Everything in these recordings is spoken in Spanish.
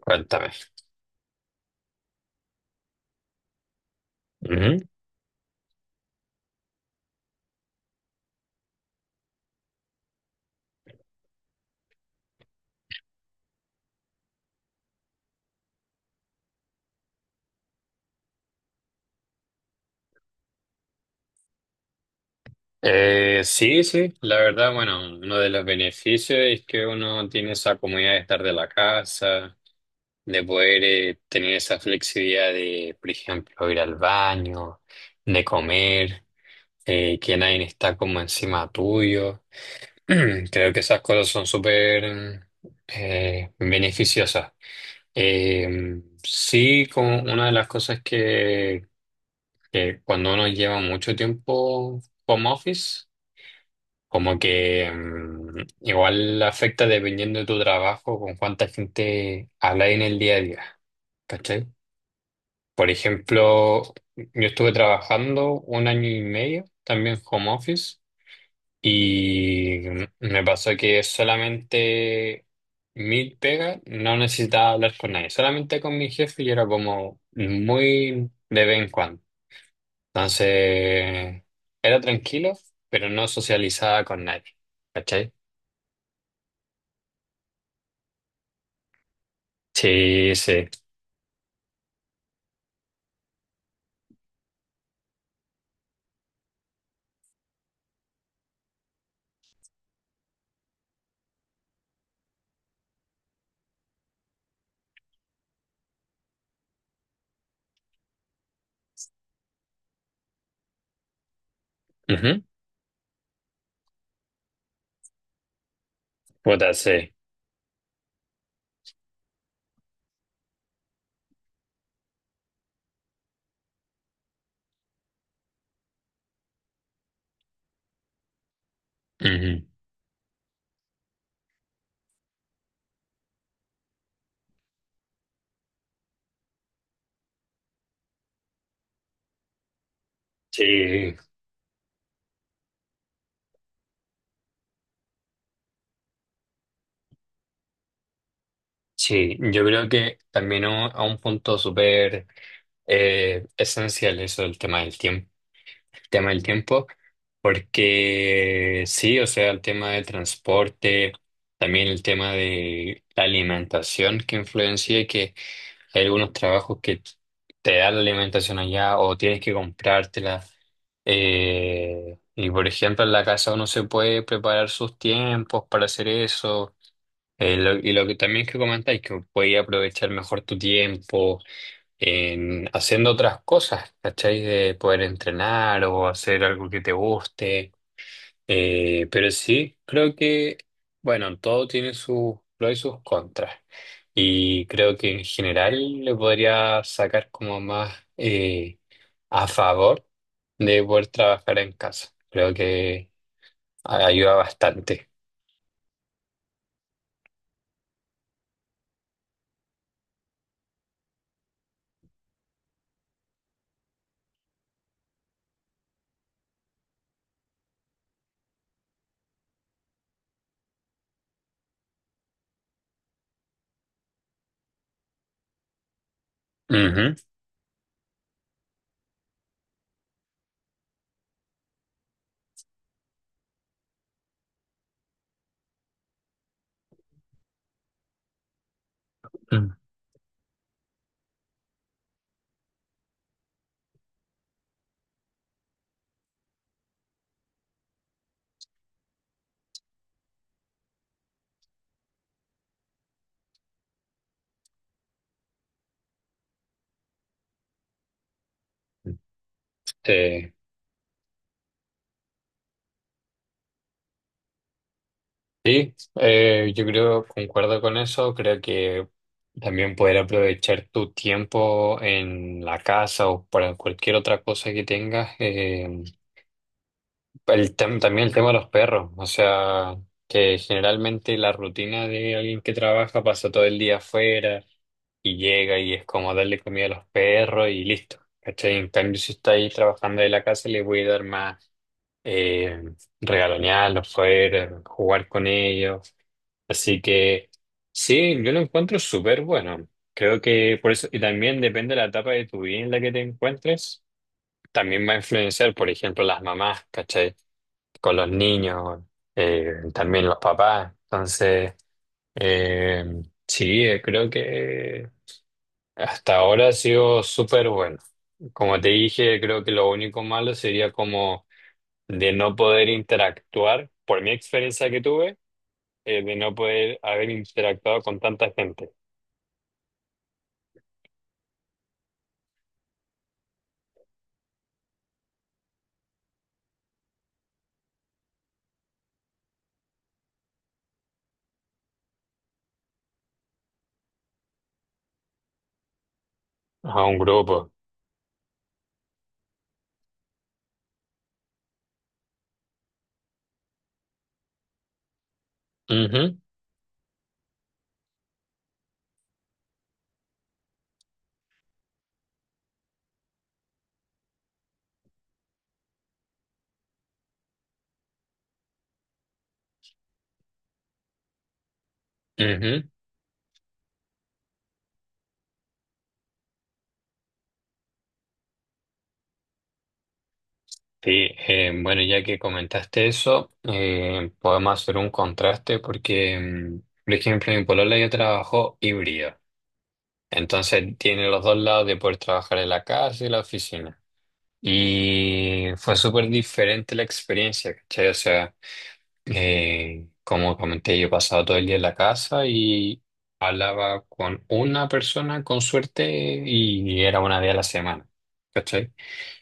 Cuéntame. Ujú. Sí, sí, la verdad, bueno, uno de los beneficios es que uno tiene esa comodidad de estar de la casa, de poder tener esa flexibilidad de, por ejemplo, ir al baño, de comer, que nadie está como encima tuyo. Creo que esas cosas son súper beneficiosas. Sí, como una de las cosas que cuando uno lleva mucho tiempo home office, como que igual afecta dependiendo de tu trabajo, con cuánta gente hablas en el día a día, ¿cachai? Por ejemplo, yo estuve trabajando un año y medio también home office y me pasó que solamente mi pega no necesitaba hablar con nadie, solamente con mi jefe y era como muy de vez en cuando. Entonces, era tranquilo, pero no socializaba con nadie. ¿Cachai? Sí, sí. Ujú. Puta, sí. Ujú. Sí, sí. Yo creo que también a un punto súper esencial eso el tema del tiempo. Tema del tiempo, porque sí, o sea, el tema del transporte, también el tema de la alimentación que influencia y que hay algunos trabajos que te dan la alimentación allá o tienes que comprártela. Y por ejemplo, en la casa uno se puede preparar sus tiempos para hacer eso. Y lo que también que comentáis, que puedes aprovechar mejor tu tiempo en haciendo otras cosas, ¿cachai? De poder entrenar o hacer algo que te guste. Pero sí, creo que, bueno, todo tiene sus pros y sus contras. Y creo que en general le podría sacar como más a favor de poder trabajar en casa. Creo que ayuda bastante. Ujú. Mm. Eh, sí, yo creo, concuerdo con eso. Creo que también poder aprovechar tu tiempo en la casa o para cualquier otra cosa que tengas. También el tema de los perros, o sea, que generalmente la rutina de alguien que trabaja pasa todo el día afuera y llega y es como darle comida a los perros y listo. ¿Cachai? En cambio, si está ahí trabajando de la casa, le voy a dar más eh, regalonearlos fuera, jugar con ellos. Así que sí, yo lo encuentro súper bueno. Creo que por eso, y también depende de la etapa de tu vida en la que te encuentres, también va a influenciar, por ejemplo, las mamás, ¿cachai? Con los niños, también los papás. Entonces, eh, sí, creo que hasta ahora ha sido súper bueno. Como te dije, creo que lo único malo sería como de no poder interactuar, por mi experiencia que tuve, de no poder haber interactuado con tanta gente, a un grupo. Ujú, ujú. Sí, bueno, ya que comentaste eso, podemos hacer un contraste porque, por ejemplo, mi polola ya trabajó híbrido, entonces tiene los dos lados de poder trabajar en la casa y la oficina. Y fue súper diferente la experiencia, ¿cachai? O sea, como comenté, yo pasaba todo el día en la casa y hablaba con una persona con suerte y era una vez a la semana. ¿Cachai?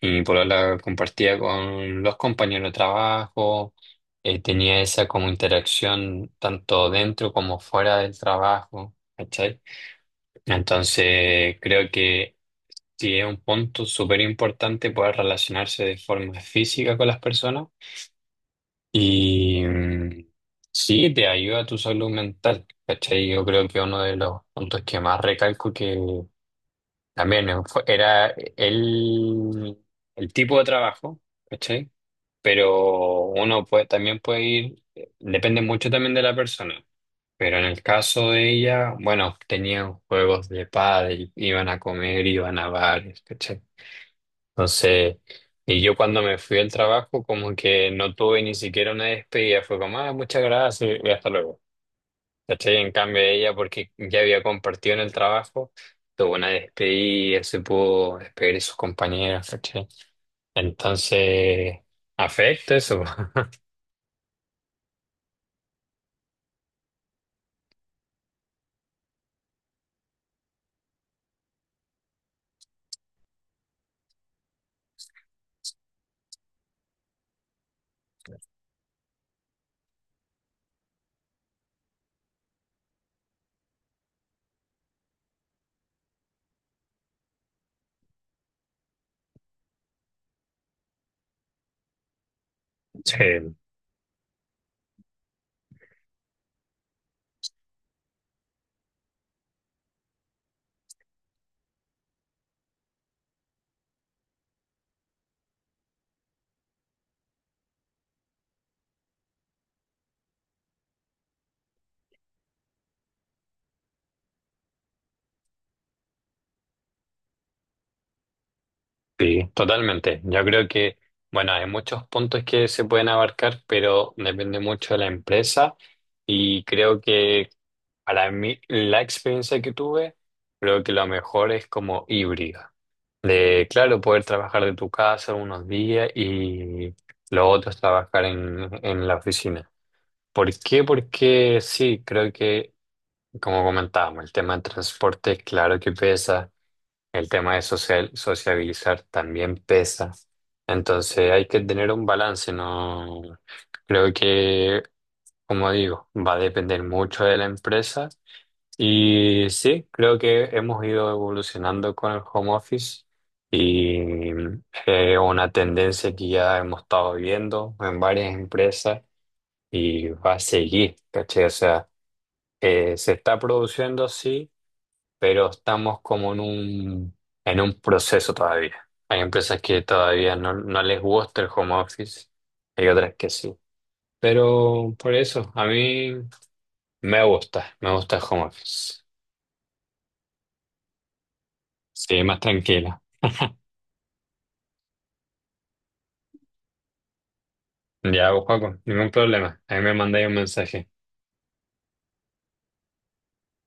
Y mi polola compartía con los compañeros de trabajo, tenía esa como interacción tanto dentro como fuera del trabajo, ¿cachai? Entonces creo que sí es un punto súper importante poder relacionarse de forma física con las personas y sí te ayuda a tu salud mental, ¿cachai? Yo creo que uno de los puntos que más recalco que también era el, el tipo de trabajo. ¿Cachai? Pero uno puede, también puede ir, depende mucho también de la persona. Pero en el caso de ella, bueno, tenían juegos de pádel, iban a comer, iban a bares, ¿cachai? Entonces, y yo cuando me fui al trabajo, como que no tuve ni siquiera una despedida, fue como, ah, muchas gracias y hasta luego. ¿Cachai? En cambio ella, porque ya había compartido en el trabajo, tuvo una despedida, se pudo despedir de sus compañeras, ¿cachai? Entonces, afecta eso. Sí. Sí, totalmente. Yo creo que, bueno, hay muchos puntos que se pueden abarcar, pero depende mucho de la empresa y creo que para mí la experiencia que tuve, creo que lo mejor es como híbrida. De, claro, poder trabajar de tu casa unos días y lo otro es trabajar en la oficina. ¿Por qué? Porque sí, creo que, como comentábamos, el tema del transporte, claro que pesa. El tema de social, sociabilizar también pesa. Entonces hay que tener un balance, ¿no? Creo que, como digo, va a depender mucho de la empresa. Y sí, creo que hemos ido evolucionando con el home office y es una tendencia que ya hemos estado viendo en varias empresas y va a seguir, ¿cachai? O sea, se está produciendo, sí pero estamos como en un proceso todavía. Hay empresas que todavía no, no les gusta el home office, hay otras que sí. Pero por eso, a mí me gusta el home office. Sí, más tranquila. Ya, pues, Paco, ningún problema. Ahí me mandáis un mensaje.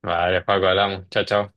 Vale, Paco, hablamos. Chao, chao.